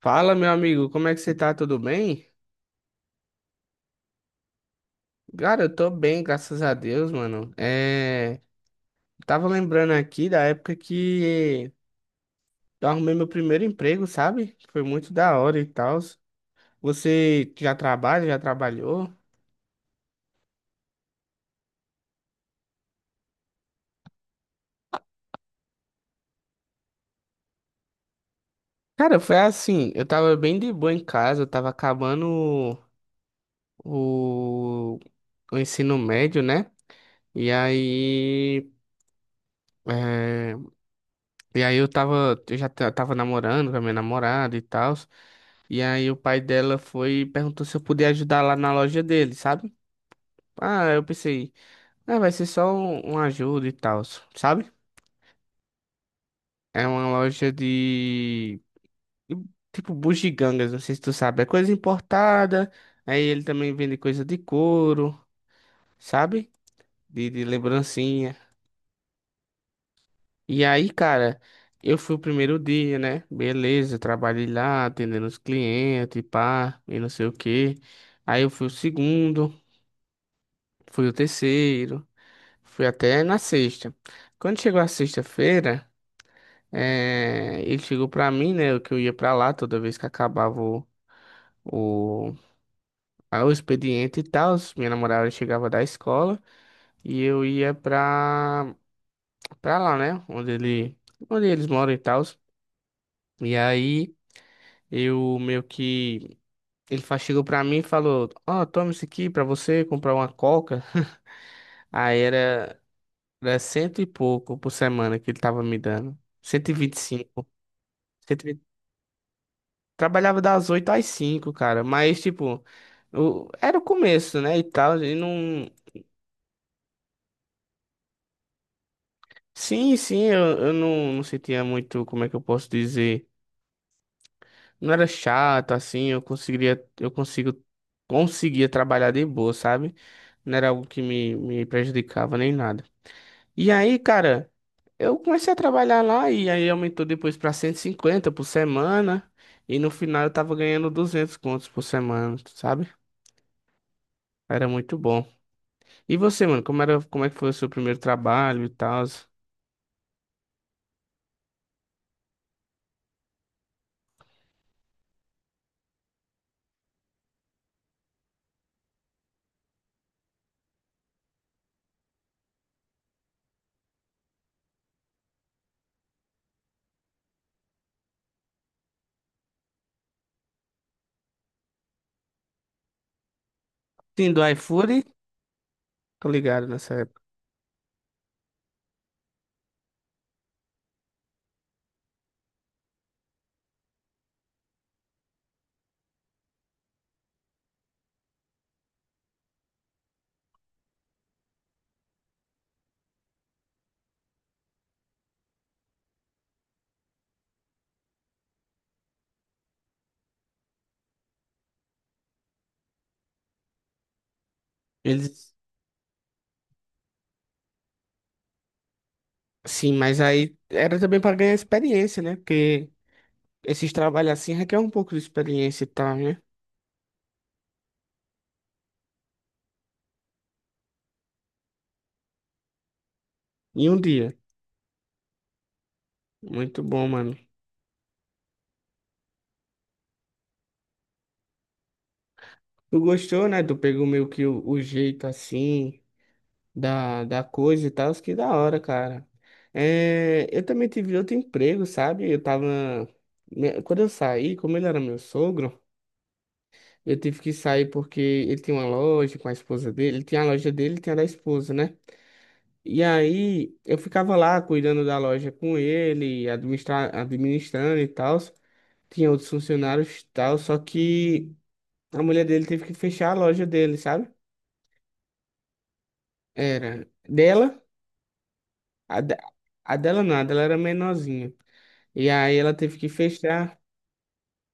Fala, meu amigo, como é que você tá? Tudo bem? Cara, eu tô bem, graças a Deus, mano. Tava lembrando aqui da época que eu arrumei meu primeiro emprego, sabe? Foi muito da hora e tal. Você já trabalha, já trabalhou? Cara, foi assim, eu tava bem de boa em casa, eu tava acabando o, o ensino médio, né? E aí, é, e aí, eu tava, eu já tava namorando com a minha namorada e tal. E aí o pai dela foi e perguntou se eu podia ajudar lá na loja dele, sabe? Ah, eu pensei, ah, vai ser só um ajuda e tal, sabe? É uma loja de tipo bugigangas, não sei se tu sabe, é coisa importada. Aí ele também vende coisa de couro, sabe? De lembrancinha. E aí, cara, eu fui o primeiro dia, né? Beleza, trabalhei lá, atendendo os clientes, e pá, e não sei o quê. Aí eu fui o segundo, fui o terceiro. Fui até na sexta. Quando chegou a sexta-feira, ele chegou pra mim, né? Que eu ia pra lá toda vez que acabava o, o expediente e tal. Minha namorada chegava da escola e eu ia pra lá, né? Onde onde eles moram e tal. E aí eu meio que. Chegou pra mim e falou: "Ó, toma isso aqui pra você comprar uma coca." Aí era cento e pouco por semana que ele tava me dando. 125. Trabalhava das 8 às 5, cara, mas tipo, era o começo, né, e tal, e não. Sim, sim, eu não sentia muito, como é que eu posso dizer, não era chato, assim, eu conseguiria, eu consigo, conseguia trabalhar de boa, sabe? Não era algo que me prejudicava nem nada. E aí, cara, eu comecei a trabalhar lá e aí aumentou depois pra 150 por semana, e no final eu tava ganhando 200 contos por semana, sabe? Era muito bom. E você, mano, como é que foi o seu primeiro trabalho e tal? Sim, do iFood, tô ligado nessa época. Eles, sim, mas aí era também pra ganhar experiência, né? Porque esses trabalhos assim requer um pouco de experiência e tal, né? Em um dia. Muito bom, mano. Tu gostou, né? Tu pegou meio que o jeito assim da coisa e tal, isso que da hora, cara. É, eu também tive outro emprego, sabe? Eu tava. Quando eu saí, como ele era meu sogro. Eu tive que sair porque ele tinha uma loja com a esposa dele, ele tinha a loja dele, e tinha a da esposa, né? E aí eu ficava lá cuidando da loja com ele, administrando e tal. Tinha outros funcionários e tal, só que a mulher dele teve que fechar a loja dele, sabe? Era dela, a, de- a dela não, a dela era menorzinha. E aí ela teve que fechar.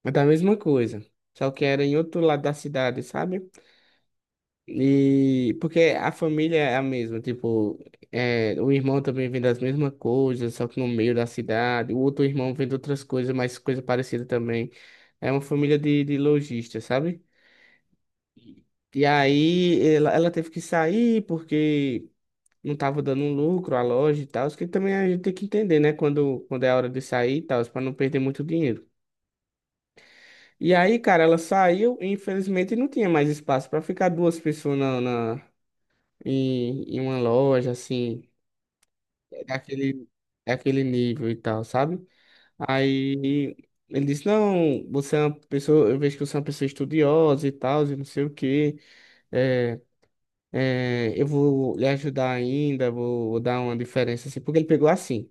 Mas da mesma coisa, só que era em outro lado da cidade, sabe? E porque a família é a mesma, tipo, o irmão também vem das mesmas coisas, só que no meio da cidade, o outro irmão vem de outras coisas, mas coisa parecida também. É uma família de lojistas, sabe? E aí ela teve que sair porque não tava dando lucro a loja e tal, isso que também a gente tem que entender, né? Quando é a hora de sair e tal, para não perder muito dinheiro. E aí, cara, ela saiu e infelizmente não tinha mais espaço para ficar duas pessoas em uma loja, assim, daquele, daquele nível e tal, sabe? Aí ele disse, não, você é uma pessoa, eu vejo que você é uma pessoa estudiosa e tal, e não sei o quê, é, eu vou lhe ajudar ainda, vou dar uma diferença, assim, porque ele pegou assim,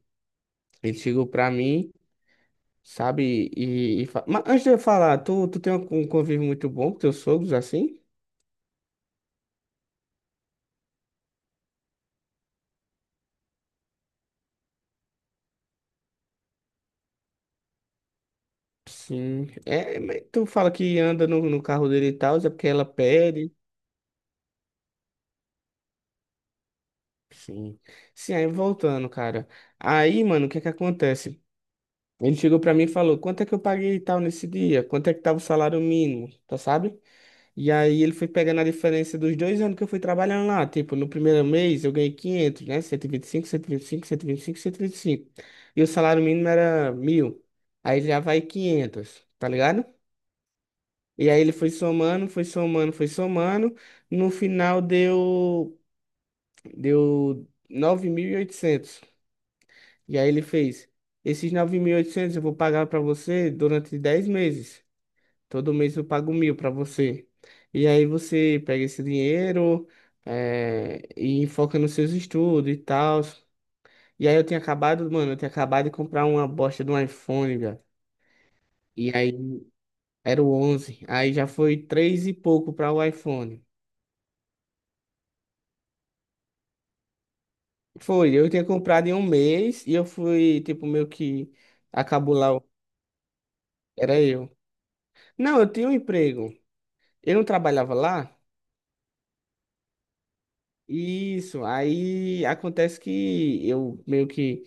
ele chegou pra mim, sabe, mas antes de eu falar, tu tem um convívio muito bom com teus sogros, assim? Sim, é, mas tu fala que anda no carro dele e tal, é porque ela pede. Sim. Sim, aí voltando, cara. Aí, mano, o que é que acontece? Ele chegou pra mim e falou: "Quanto é que eu paguei e tal nesse dia? Quanto é que tava o salário mínimo?", tá sabe? E aí ele foi pegando a diferença dos 2 anos que eu fui trabalhando lá, tipo, no primeiro mês eu ganhei 500, né? 125, cento e vinte e vinte e cinco, cento e vinte e cinco cinco cinco cento cento O salário mínimo era 1.000. Aí já vai 500, tá ligado? E aí ele foi somando, foi somando, foi somando. No final deu 9.800. E aí ele fez: esses 9.800 eu vou pagar para você durante 10 meses. Todo mês eu pago 1.000 para você. E aí você pega esse dinheiro e foca nos seus estudos e tal. E aí eu tinha acabado, mano, eu tinha acabado de comprar uma bosta de um iPhone, velho. E aí era o 11. Aí já foi três e pouco para o iPhone. Foi, eu tinha comprado em um mês e eu fui, tipo, meio que acabou lá. Era eu. Não, eu tinha um emprego. Eu não trabalhava lá. Isso, aí acontece que eu meio que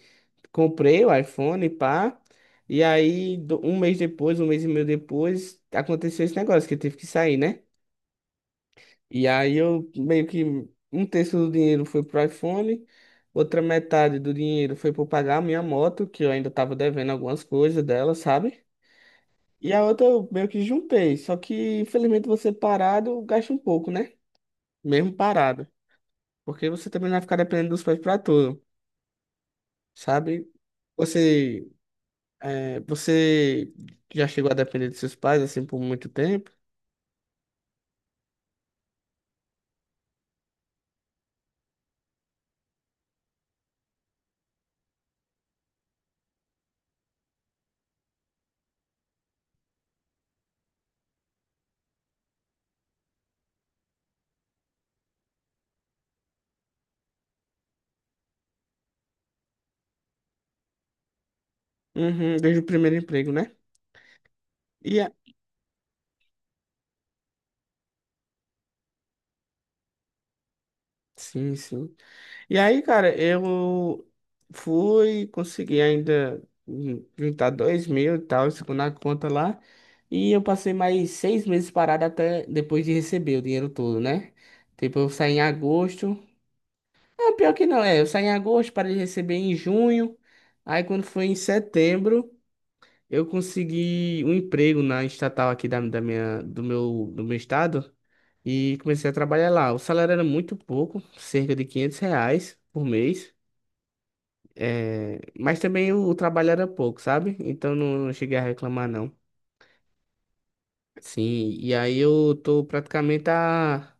comprei o iPhone, pá, e aí um mês depois, um mês e meio depois, aconteceu esse negócio que eu tive que sair, né? E aí eu meio que um terço do dinheiro foi pro iPhone, outra metade do dinheiro foi para pagar a minha moto, que eu ainda tava devendo algumas coisas dela, sabe? E a outra eu meio que juntei, só que infelizmente você parado gasta um pouco, né? Mesmo parado, porque você também não vai ficar dependendo dos pais para tudo, sabe? Você, você já chegou a depender dos seus pais assim por muito tempo? Uhum, desde o primeiro emprego, né? E a. Sim, sim. E aí, cara, eu fui, consegui ainda juntar 2.000 e tal, segundo a conta lá. E eu passei mais 6 meses parado até depois de receber o dinheiro todo, né? Tipo, eu saí em agosto. Ah, pior que não, é. Eu saí em agosto, parei de receber em junho. Aí, quando foi em setembro. Eu consegui um emprego na estatal aqui do meu estado e comecei a trabalhar lá. O salário era muito pouco, cerca de R$ 500 por mês, mas também o trabalho era pouco, sabe? Então não cheguei a reclamar, não. Sim, e aí eu tô praticamente a.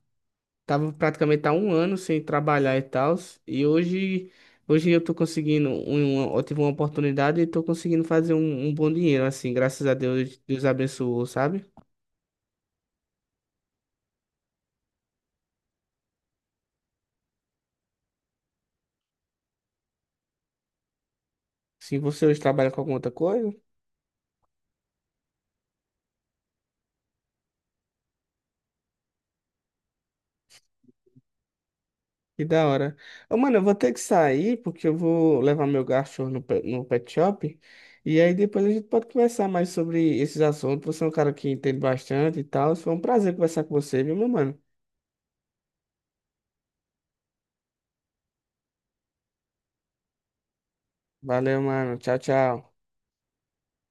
Tava praticamente há um ano sem trabalhar e tal, e hoje eu tô conseguindo, eu tive uma oportunidade e tô conseguindo fazer um bom dinheiro, assim, graças a Deus, Deus abençoou, sabe? Se você hoje trabalha com alguma outra coisa, que da hora. Ô, mano, eu vou ter que sair porque eu vou levar meu cachorro no pet shop. E aí depois a gente pode conversar mais sobre esses assuntos. Você é um cara que entende bastante e tal. Foi um prazer conversar com você, viu, meu mano? Valeu, mano. Tchau, tchau.